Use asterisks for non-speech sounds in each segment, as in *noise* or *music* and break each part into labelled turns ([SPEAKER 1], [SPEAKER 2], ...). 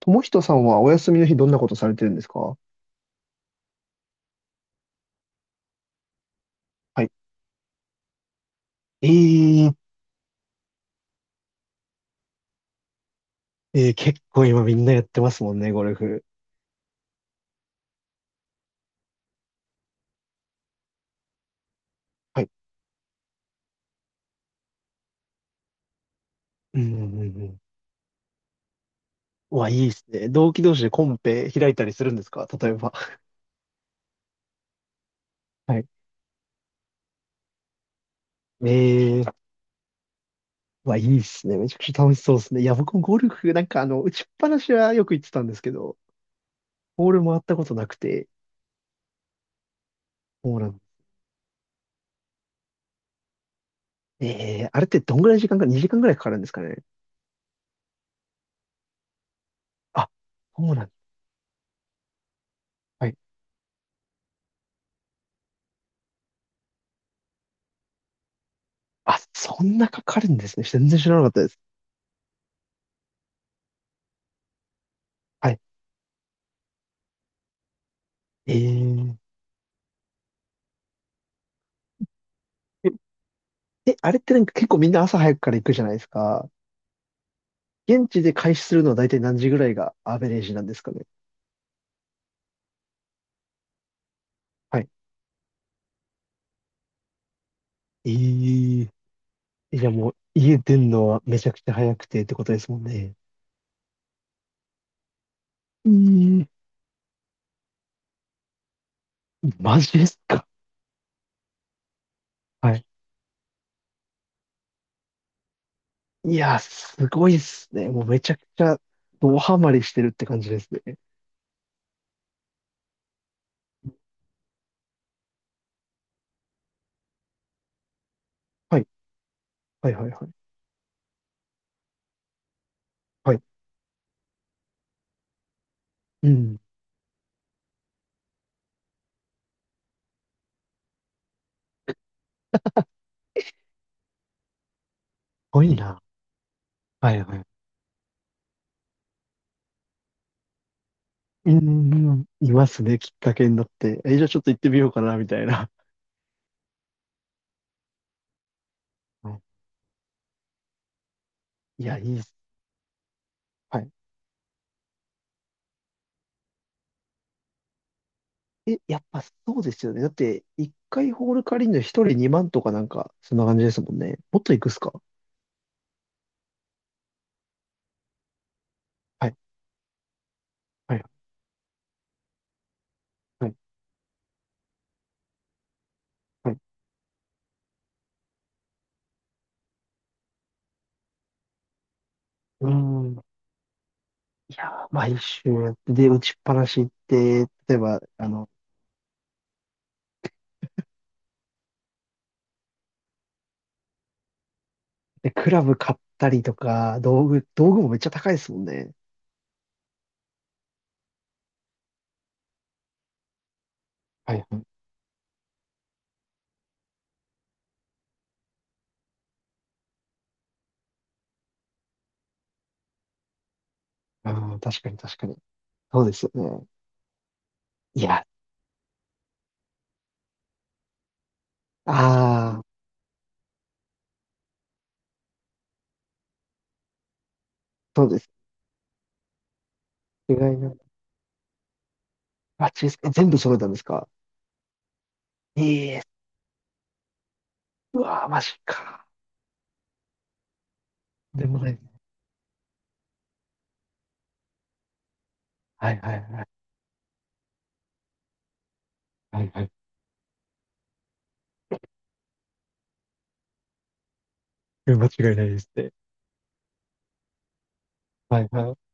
[SPEAKER 1] ともひとさんはお休みの日どんなことされてるんですか？はい。えー、結構今みんなやってますもんね、ゴルフ。はい。うんうんうんうん。うわ、いいですね。同期同士でコンペ開いたりするんですか例えば。はい。えー、うわ、いいですね。めちゃくちゃ楽しそうですね。いや、僕もゴルフ、打ちっぱなしはよく行ってたんですけど、ボール回ったことなくて、そうなん、えー、あれってどんぐらい時間か、2時間ぐらいかかるんですかね。あ、そうなん、はい。あ、そんなかかるんですね。全然知らなかったです。はい。えー。え、あれってなんか結構みんな朝早くから行くじゃないですか。現地で開始するのは大体何時ぐらいがアベレージなんですかね。はい。ええ、えじゃあもう家出んのはめちゃくちゃ早くてってことですもんね。ええ、マジですか。はい。いや、すごいっすね。もうめちゃくちゃドハマりしてるって感じですね。はい。はいはいはい。はい。うん。すごいな。はいはい。うん。いますね。きっかけになって。え、じゃあちょっと行ってみようかな、みたいな。はい、いや、いいっす。はい、え、やっぱそうですよね。だって、一回ホール借りるの一人2万とかなんか、そんな感じですもんね。もっといくっすか？はい、はい、はい、はい。うーん。いやー、毎週やって、で、打ちっぱなし行って、例えば、あの、で、クラブ買ったりとか、道具、道具もめっちゃ高いですもんね。はい、はい。ああ、確かに確かに。そうですよね。いや、ああ、そうです。意外な。あ、チーズ、え全部揃えたんですか？ええ、うわー、マジか。でもね。はいはいはい。はいはい。 *laughs* うん間違いないですね。はいはい。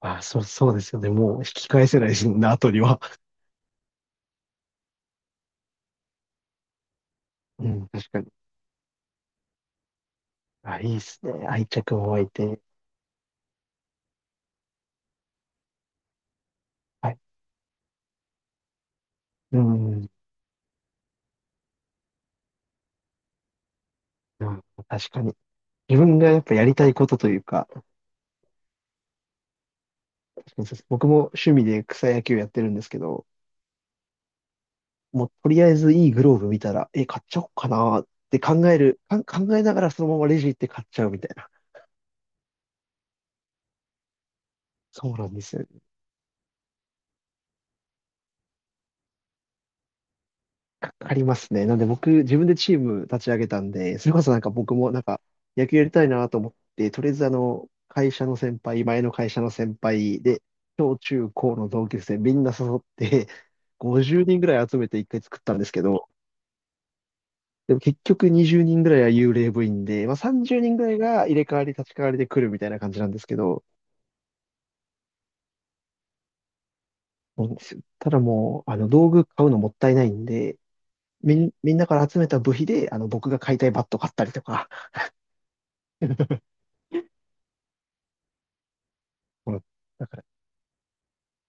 [SPEAKER 1] あ、そう、そうですよね。もう引き返せないですもんね、後には。うん、確かに。あ、いいですね。愛着も湧いて。はい。うん、うん、確かに。自分がやっぱやりたいことというか、確かにそうです、僕も趣味で草野球やってるんですけど、もうとりあえずいいグローブ見たら、え、買っちゃおうかなって考える、か考えながらそのままレジ行って買っちゃうみたいな。そうなんですよね。かかりますね。なんで僕、自分でチーム立ち上げたんで、それこそなんか僕も野球やりたいなと思って、とりあえずあの、会社の先輩、前の会社の先輩で、小中高の同級生みんな誘って、50人ぐらい集めて一回作ったんですけど、でも結局20人ぐらいは幽霊部員で、まあ、30人ぐらいが入れ替わり立ち替わりで来るみたいな感じなんですけど、そうなんですよ、ただもう、あの、道具買うのもったいないんで、みんなから集めた部費で、あの、僕が買いたいバット買ったりとか、この、だから、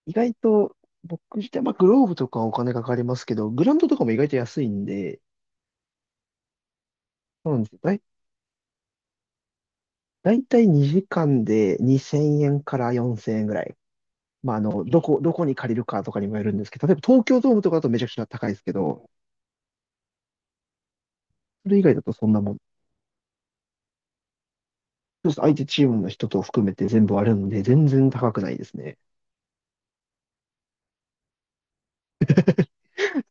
[SPEAKER 1] 意外と、僕自体、まあ、グローブとかはお金かかりますけど、グラウンドとかも意外と安いんで、そうなんですよ。だいたい2時間で2000円から4000円ぐらい。まあ、あの、どこに借りるかとかにもよるんですけど、例えば東京ドームとかだとめちゃくちゃ高いですけど、それ以外だとそんなもん。そうです、相手チームの人と含めて全部あるんで、全然高くないですね。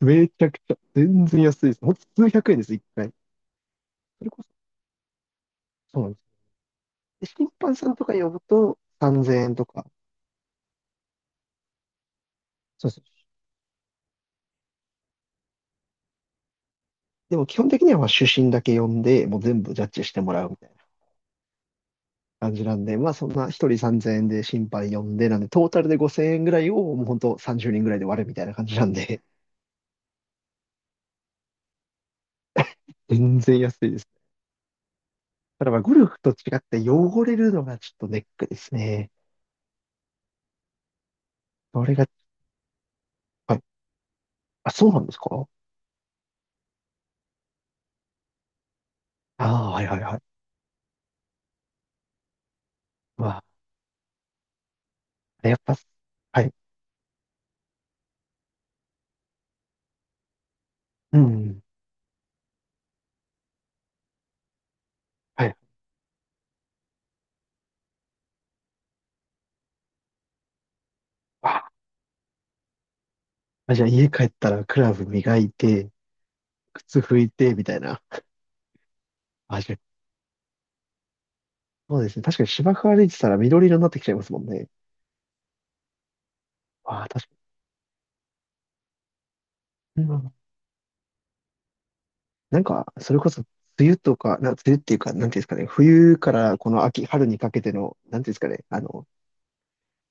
[SPEAKER 1] めちゃくちゃ、全然安いです。ほんと数百円です、一回。それこそ、そうなんです。で、審判さんとか呼ぶと3000円とか、そうです。でも基本的にはまあ主審だけ呼んで、もう全部ジャッジしてもらうみたいな感じなんで、まあそんな一人3000円で審判呼んで、なんでトータルで5000円ぐらいをもう本当30人ぐらいで割るみたいな感じなんで、*laughs* 全然安いです。ただまあゴルフと違って汚れるのがちょっとネックですね。それが、はい。あ、そうなんですか？ああはいはいはい。まあ、やっぱ、はい。うん。はい。あ、じゃあ家帰ったらクラブ磨いて、靴拭いて、みたいな。あ、じゃあ、そうですね。確かに芝生歩いてたら緑色になってきちゃいますもんね。ああ、確かに。うん、なんか、それこそ、梅雨とか、な、梅雨っていうか、なんていうんですかね、冬からこの秋、春にかけての、なんていうんですかね、あの、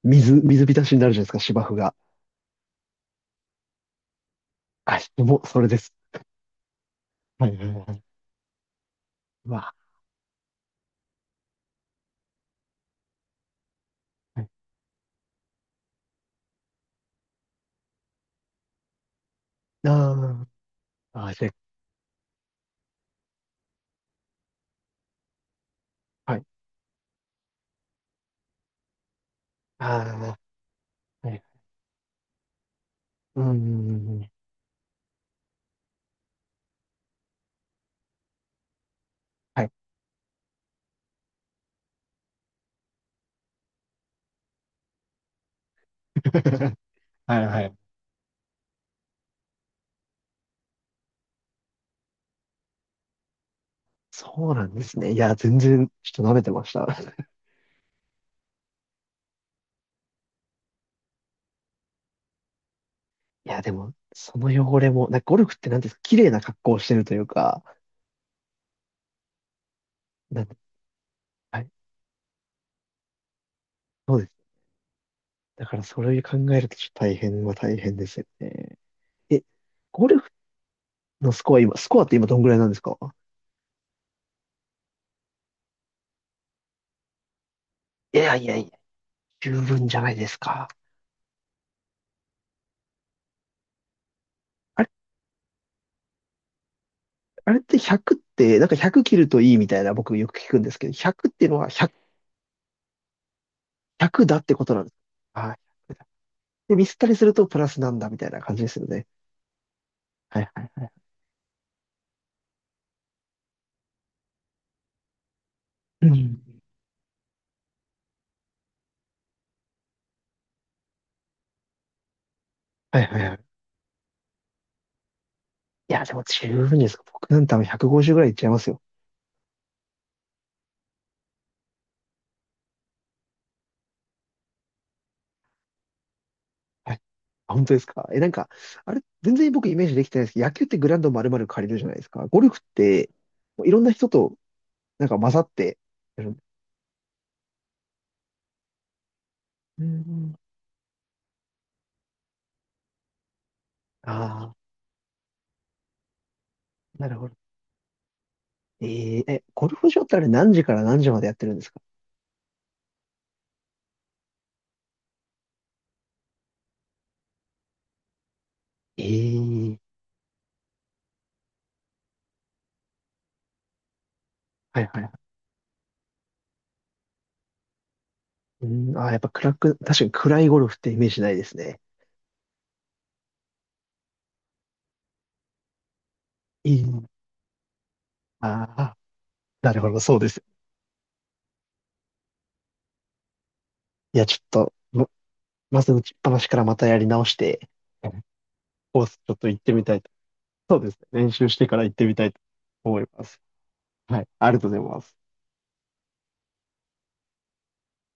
[SPEAKER 1] 水浸しになるじゃないですか、芝生が。あ、もう、それです。はいはいはい。うわ、はい。ああ、ああ、で、はい。ああ、はい。うんうんうんうん。はい。*laughs* はいはい。そうなんですね。いや、全然、ちょっと舐めてました。*laughs* いや、でも、その汚れも、なんかゴルフってなんていうんですか、綺麗な格好をしてるというか、なん、はい。そうです、だからそれを考えるとちょっと大変は大変ですよね。え、ゴルフのスコア今、スコアって今どんぐらいなんですか？いやいやいや、十分じゃないですか。あれ、あれって100って、なんか100切るといいみたいな僕よく聞くんですけど、100っていうのは100、ひゃくだってことなんですか？ああ、ひゃくだ。で、ミスったりするとプラスなんだみたいな感じですよね。はいはいはい。うん。はいはいはい。いや、でも十分ですか。僕なんて多分150ぐらいいっちゃいますよ。はい、あ、本当ですか？え、なんか、あれ、全然僕イメージできてないですけど、野球ってグラウンド丸々借りるじゃないですか。ゴルフって、もういろんな人と、なんか混ざってやる、うんうん。ああ、なるほど。えー、え、ゴルフ場ってあれ何時から何時までやってるんですか？ええ、はいはいはい。うん、ああ、やっぱ暗く、確かに暗いゴルフってイメージないですね。ええ、ああ、なるほど、そうです。いや、ちょっと、ま、まず打ちっぱなしからまたやり直して、コースちょっと行ってみたい。そうですね。練習してから行ってみたいと思います。はい。ありがとうございます。